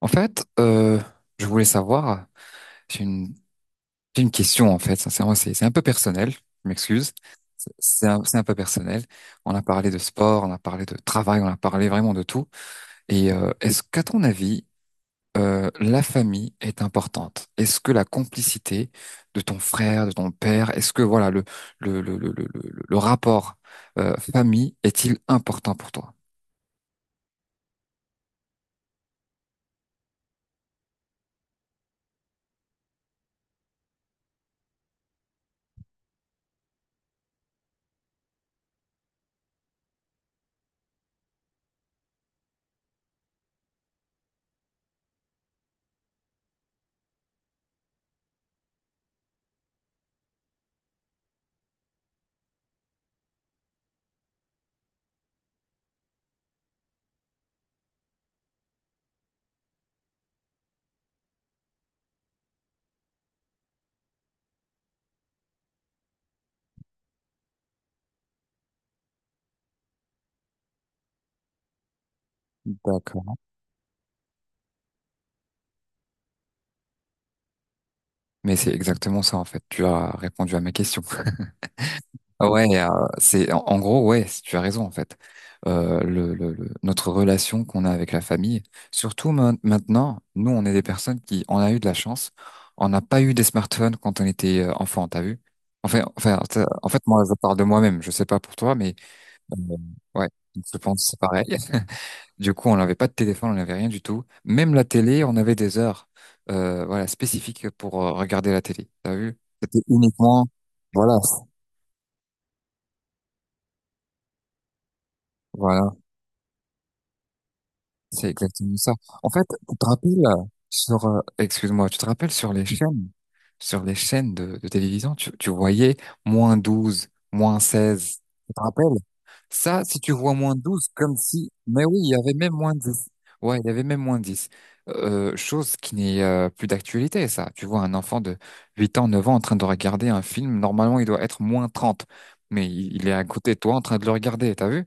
En fait, euh, je voulais savoir, j'ai une, j'ai une question en fait, sincèrement, c'est un peu personnel, je m'excuse, c'est un peu personnel. On a parlé de sport, on a parlé de travail, on a parlé vraiment de tout. Et est-ce qu'à ton avis, la famille est importante? Est-ce que la complicité de ton frère, de ton père, est-ce que voilà le rapport famille est-il important pour toi? D'accord. Mais c'est exactement ça en fait. Tu as répondu à ma question. Ah ouais, c'est en gros, ouais, tu as raison en fait. Notre relation qu'on a avec la famille, surtout maintenant, nous, on est des personnes qui, on a eu de la chance, on n'a pas eu des smartphones quand on était enfant, t'as vu? Enfin, en fait, moi, je parle de moi-même, je sais pas pour toi, mais euh, ouais, je pense que c'est pareil. Du coup, on n'avait pas de téléphone, on n'avait rien du tout. Même la télé, on avait des heures, voilà, spécifiques pour regarder la télé, t'as vu? C'était uniquement, voilà, voilà. C'est exactement ça. En fait, tu te rappelles sur, excuse-moi, tu te rappelles sur les chaînes de télévision, tu voyais -12 -16. Tu te rappelles? Ça, si tu vois -12 comme si, mais oui, il y avait même -10. Ouais, il y avait même moins dix. Chose qui n'est plus d'actualité, ça. Tu vois un enfant de 8 ans, 9 ans en train de regarder un film, normalement, il doit être -30. Mais il est à côté de toi en train de le regarder, t'as vu?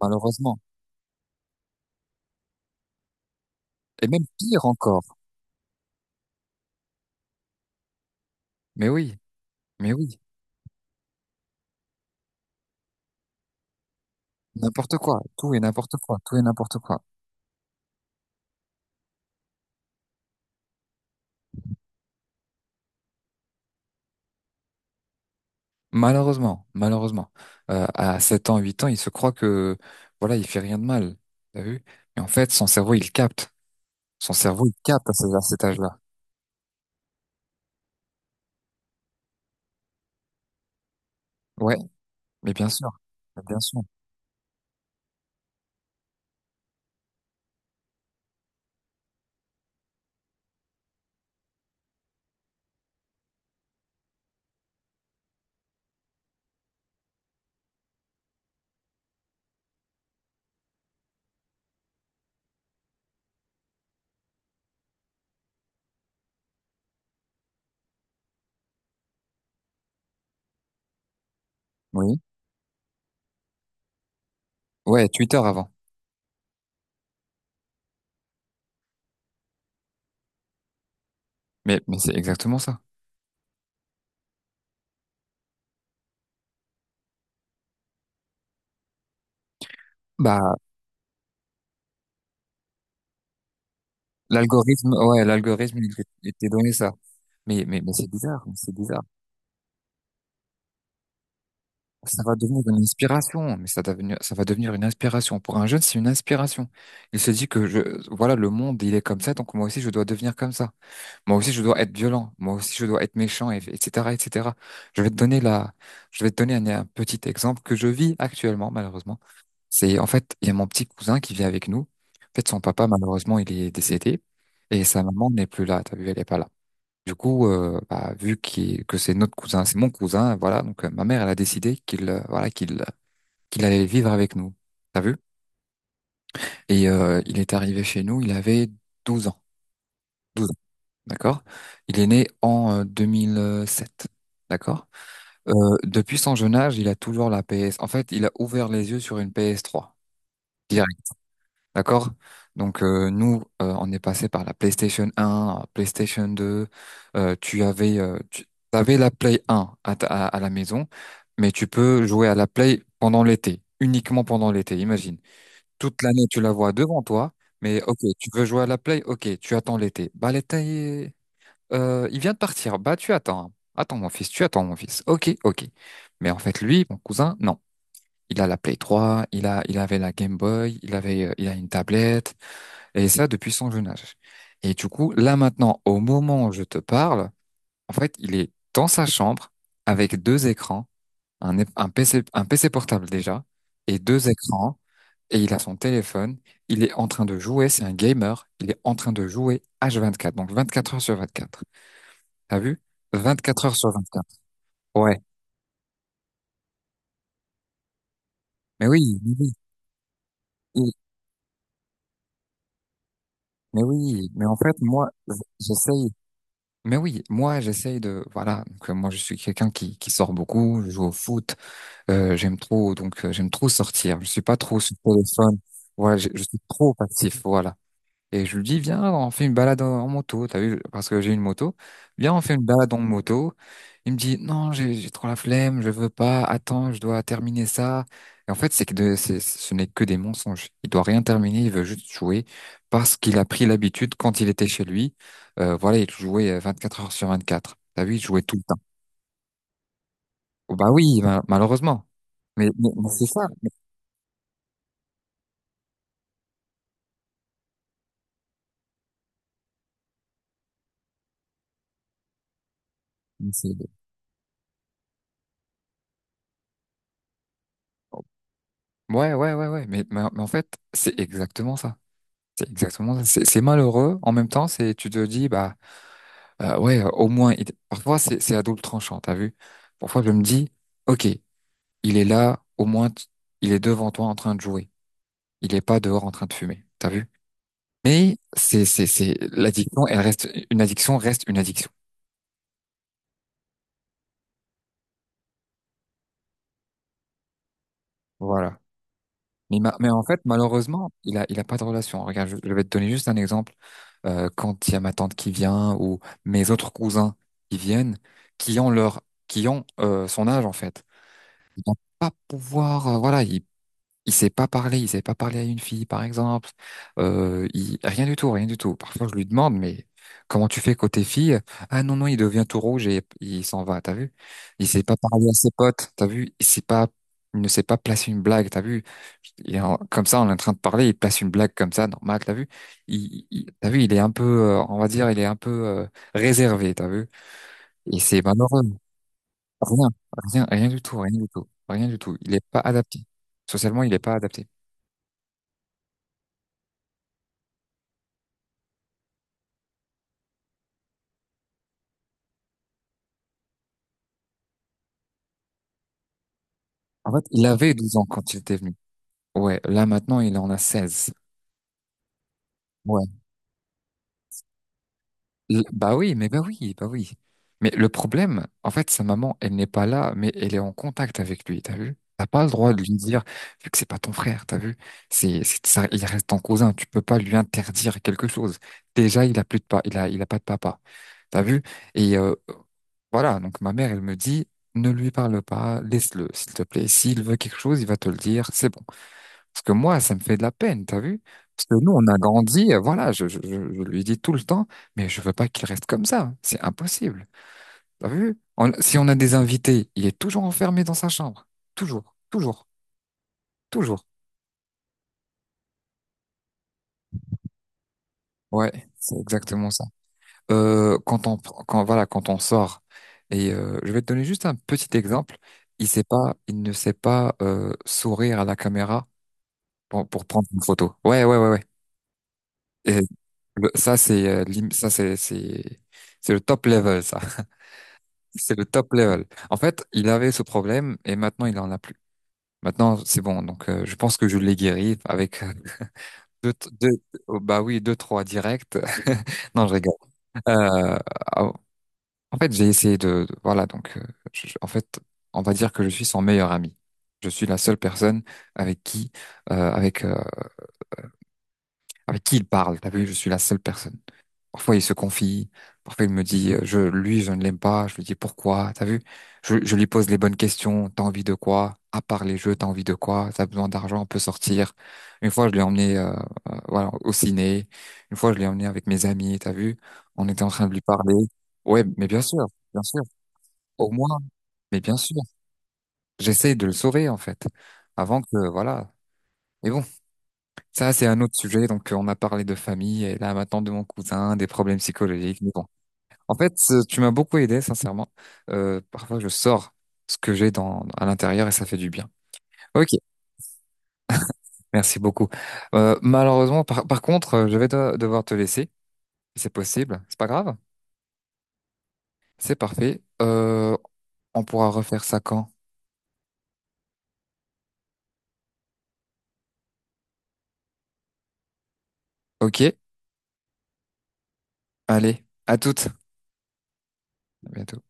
Malheureusement. Et même pire encore. Mais oui, mais oui. N'importe quoi, tout et n'importe quoi, tout et n'importe quoi. Malheureusement, malheureusement. À 7 ans, 8 ans, il se croit que, voilà, il fait rien de mal. T'as vu? Mais en fait, son cerveau, il capte. Son cerveau, il capte à, à cet âge-là. Ouais, mais bien sûr. Mais bien sûr. Oui. Ouais, Twitter avant. Mais c'est exactement ça. Bah, l'algorithme, ouais, l'algorithme, il t'est donné ça. Mais c'est bizarre, c'est bizarre. Ça va devenir une inspiration, ça va devenir une inspiration. Pour un jeune, c'est une inspiration. Il se dit que je, voilà, le monde, il est comme ça, donc moi aussi, je dois devenir comme ça. Moi aussi, je dois être violent. Moi aussi, je dois être méchant, etc., etc. Je vais te donner la, je vais te donner un petit exemple que je vis actuellement, malheureusement. C'est, en fait, il y a mon petit cousin qui vit avec nous. En fait, son papa, malheureusement, il est décédé, et sa maman n'est plus là. T'as vu, elle est pas là. Du coup, bah, que c'est notre cousin, c'est mon cousin, voilà. Donc ma mère, elle a décidé qu'il allait vivre avec nous. T'as vu? Et il est arrivé chez nous. Il avait 12 ans. 12 ans, d'accord? Il est né en 2007, d'accord? Depuis son jeune âge, il a toujours la PS. En fait, il a ouvert les yeux sur une PS3. D'accord? Donc nous, on est passé par la PlayStation 1, PlayStation 2. Tu avais la Play 1 à, la maison, mais tu peux jouer à la Play pendant l'été, uniquement pendant l'été. Imagine, toute l'année tu la vois devant toi, mais ok, tu veux jouer à la Play, ok, tu attends l'été. Bah l'été, il vient de partir. Bah tu attends, hein. Attends mon fils, tu attends mon fils. Ok, ok. Mais en fait lui, mon cousin, non. Il a la Play 3, il avait la Game Boy, il a une tablette. Et ça depuis son jeune âge. Et du coup, là maintenant, au moment où je te parle, en fait, il est dans sa chambre avec deux écrans, un PC, un PC portable déjà, et deux écrans, et il a son téléphone, il est en train de jouer, c'est un gamer, il est en train de jouer H24, donc 24 heures sur 24. T'as vu? 24 heures sur 24. Ouais. Mais oui, mais oui, mais en fait, moi, j'essaye. Mais oui, moi, j'essaye de, voilà, donc, moi, je suis quelqu'un qui sort beaucoup, je joue au foot. J'aime trop, donc j'aime trop sortir. Je suis pas trop sur le téléphone. Voilà, je suis trop passif, voilà. Et je lui dis, viens, on fait une balade en moto. T'as vu, parce que j'ai une moto. Viens, on fait une balade en moto. Il me dit, non, j'ai trop la flemme, je veux pas. Attends, je dois terminer ça. Et en fait, c'est que de, c'est, ce n'est que des mensonges. Il doit rien terminer, il veut juste jouer parce qu'il a pris l'habitude quand il était chez lui. Voilà, il jouait 4 heures sur 24. T'as vu, il jouait tout le temps. Bah oui, malheureusement. Mais c'est ça. C'est- Ouais, ouais, ouais, ouais. Mais en fait, c'est exactement ça. C'est exactement ça. C'est malheureux. En même temps, c'est, tu te dis, bah, ouais, au moins, parfois, c'est à double tranchant, t'as vu? Parfois, je me dis, OK, il est là, au moins, il est devant toi en train de jouer. Il est pas dehors en train de fumer, t'as vu? Mais l'addiction, elle reste, une addiction reste une addiction. Voilà. Mais en fait, malheureusement, il a pas de relation. Regarde, je vais te donner juste un exemple. Quand il y a ma tante qui vient ou mes autres cousins qui viennent, qui ont leur, qui ont son âge en fait. Ils vont pas pouvoir, voilà, ils il sait pas parler, il sait pas parler à une fille, par exemple. Il... Rien du tout, rien du tout. Parfois, je lui demande, mais comment tu fais côté fille? Ah non, non, il devient tout rouge et il s'en va, t'as vu? Il sait pas parler à ses potes, t'as vu? Il ne sait pas placer une blague, t'as vu? Comme ça, on est en train de parler, il place une blague comme ça, normal, t'as vu? T'as vu, il est un peu, on va dire, il est un peu réservé, t'as vu? Et c'est malheureux. Rien, rien, rien du tout, rien du tout, rien du tout. Il est pas adapté. Socialement, il est pas adapté. En fait, il avait 12 ans quand il était venu. Ouais, là maintenant, il en a 16. Ouais. Bah oui, mais bah oui, bah oui. Mais le problème, en fait, sa maman, elle n'est pas là, mais elle est en contact avec lui, t'as vu? T'as pas le droit de lui dire, vu que c'est pas ton frère, t'as vu? C'est ça, il reste ton cousin, tu peux pas lui interdire quelque chose. Déjà, il a plus de pas, il a pas de papa. T'as vu? Et voilà, donc ma mère, elle me dit, ne lui parle pas, laisse-le, s'il te plaît. S'il veut quelque chose, il va te le dire, c'est bon. Parce que moi, ça me fait de la peine, t'as vu? Parce que nous, on a grandi, voilà, je lui dis tout le temps, mais je veux pas qu'il reste comme ça, c'est impossible, t'as vu? Si on a des invités, il est toujours enfermé dans sa chambre, toujours, toujours, toujours. Ouais, c'est exactement ça. Quand voilà, quand on sort, et je vais te donner juste un petit exemple, il ne sait pas sourire à la caméra pour prendre une photo. Ouais, ouais, ouais, ouais. Et ça, c'est ça c'est le top level, ça. C'est le top level. En fait, il avait ce problème et maintenant, il en a plus. Maintenant, c'est bon. Donc, je pense que je l'ai guéri avec deux, deux, oh, bah oui, deux, trois directs. Non, je rigole. Euh, j'ai essayé voilà, donc, je- je- en fait, on va dire que je suis son meilleur ami. Je suis la seule personne avec qui, euh, avec, euh, avec qui il parle. T'as vu, je suis la seule personne. Parfois, il se confie. Parfois, il me dit, je, lui, je ne l'aime pas. Je lui dis, pourquoi? T'as vu? Je lui pose les bonnes questions. T'as envie de quoi? À part les jeux, t'as envie de quoi? T'as besoin d'argent, on peut sortir. Une fois, je l'ai emmené, voilà, au ciné. Une fois, je l'ai emmené avec mes amis. T'as vu? On était en train de lui parler. Ouais, mais bien sûr, bien sûr. Au moins, mais bien sûr. J'essaie de le sauver, en fait. Avant que, voilà. Mais bon, ça, c'est un autre sujet. Donc, on a parlé de famille et là, maintenant de mon cousin, des problèmes psychologiques. Mais bon. En fait, tu m'as beaucoup aidé, sincèrement. Parfois, je sors ce que j'ai dans à l'intérieur et ça fait du bien. Ok, merci beaucoup. Malheureusement, par contre, je vais devoir te laisser, si c'est possible. C'est pas grave, c'est parfait. On pourra refaire ça quand? Ok, allez, à toutes. À bientôt.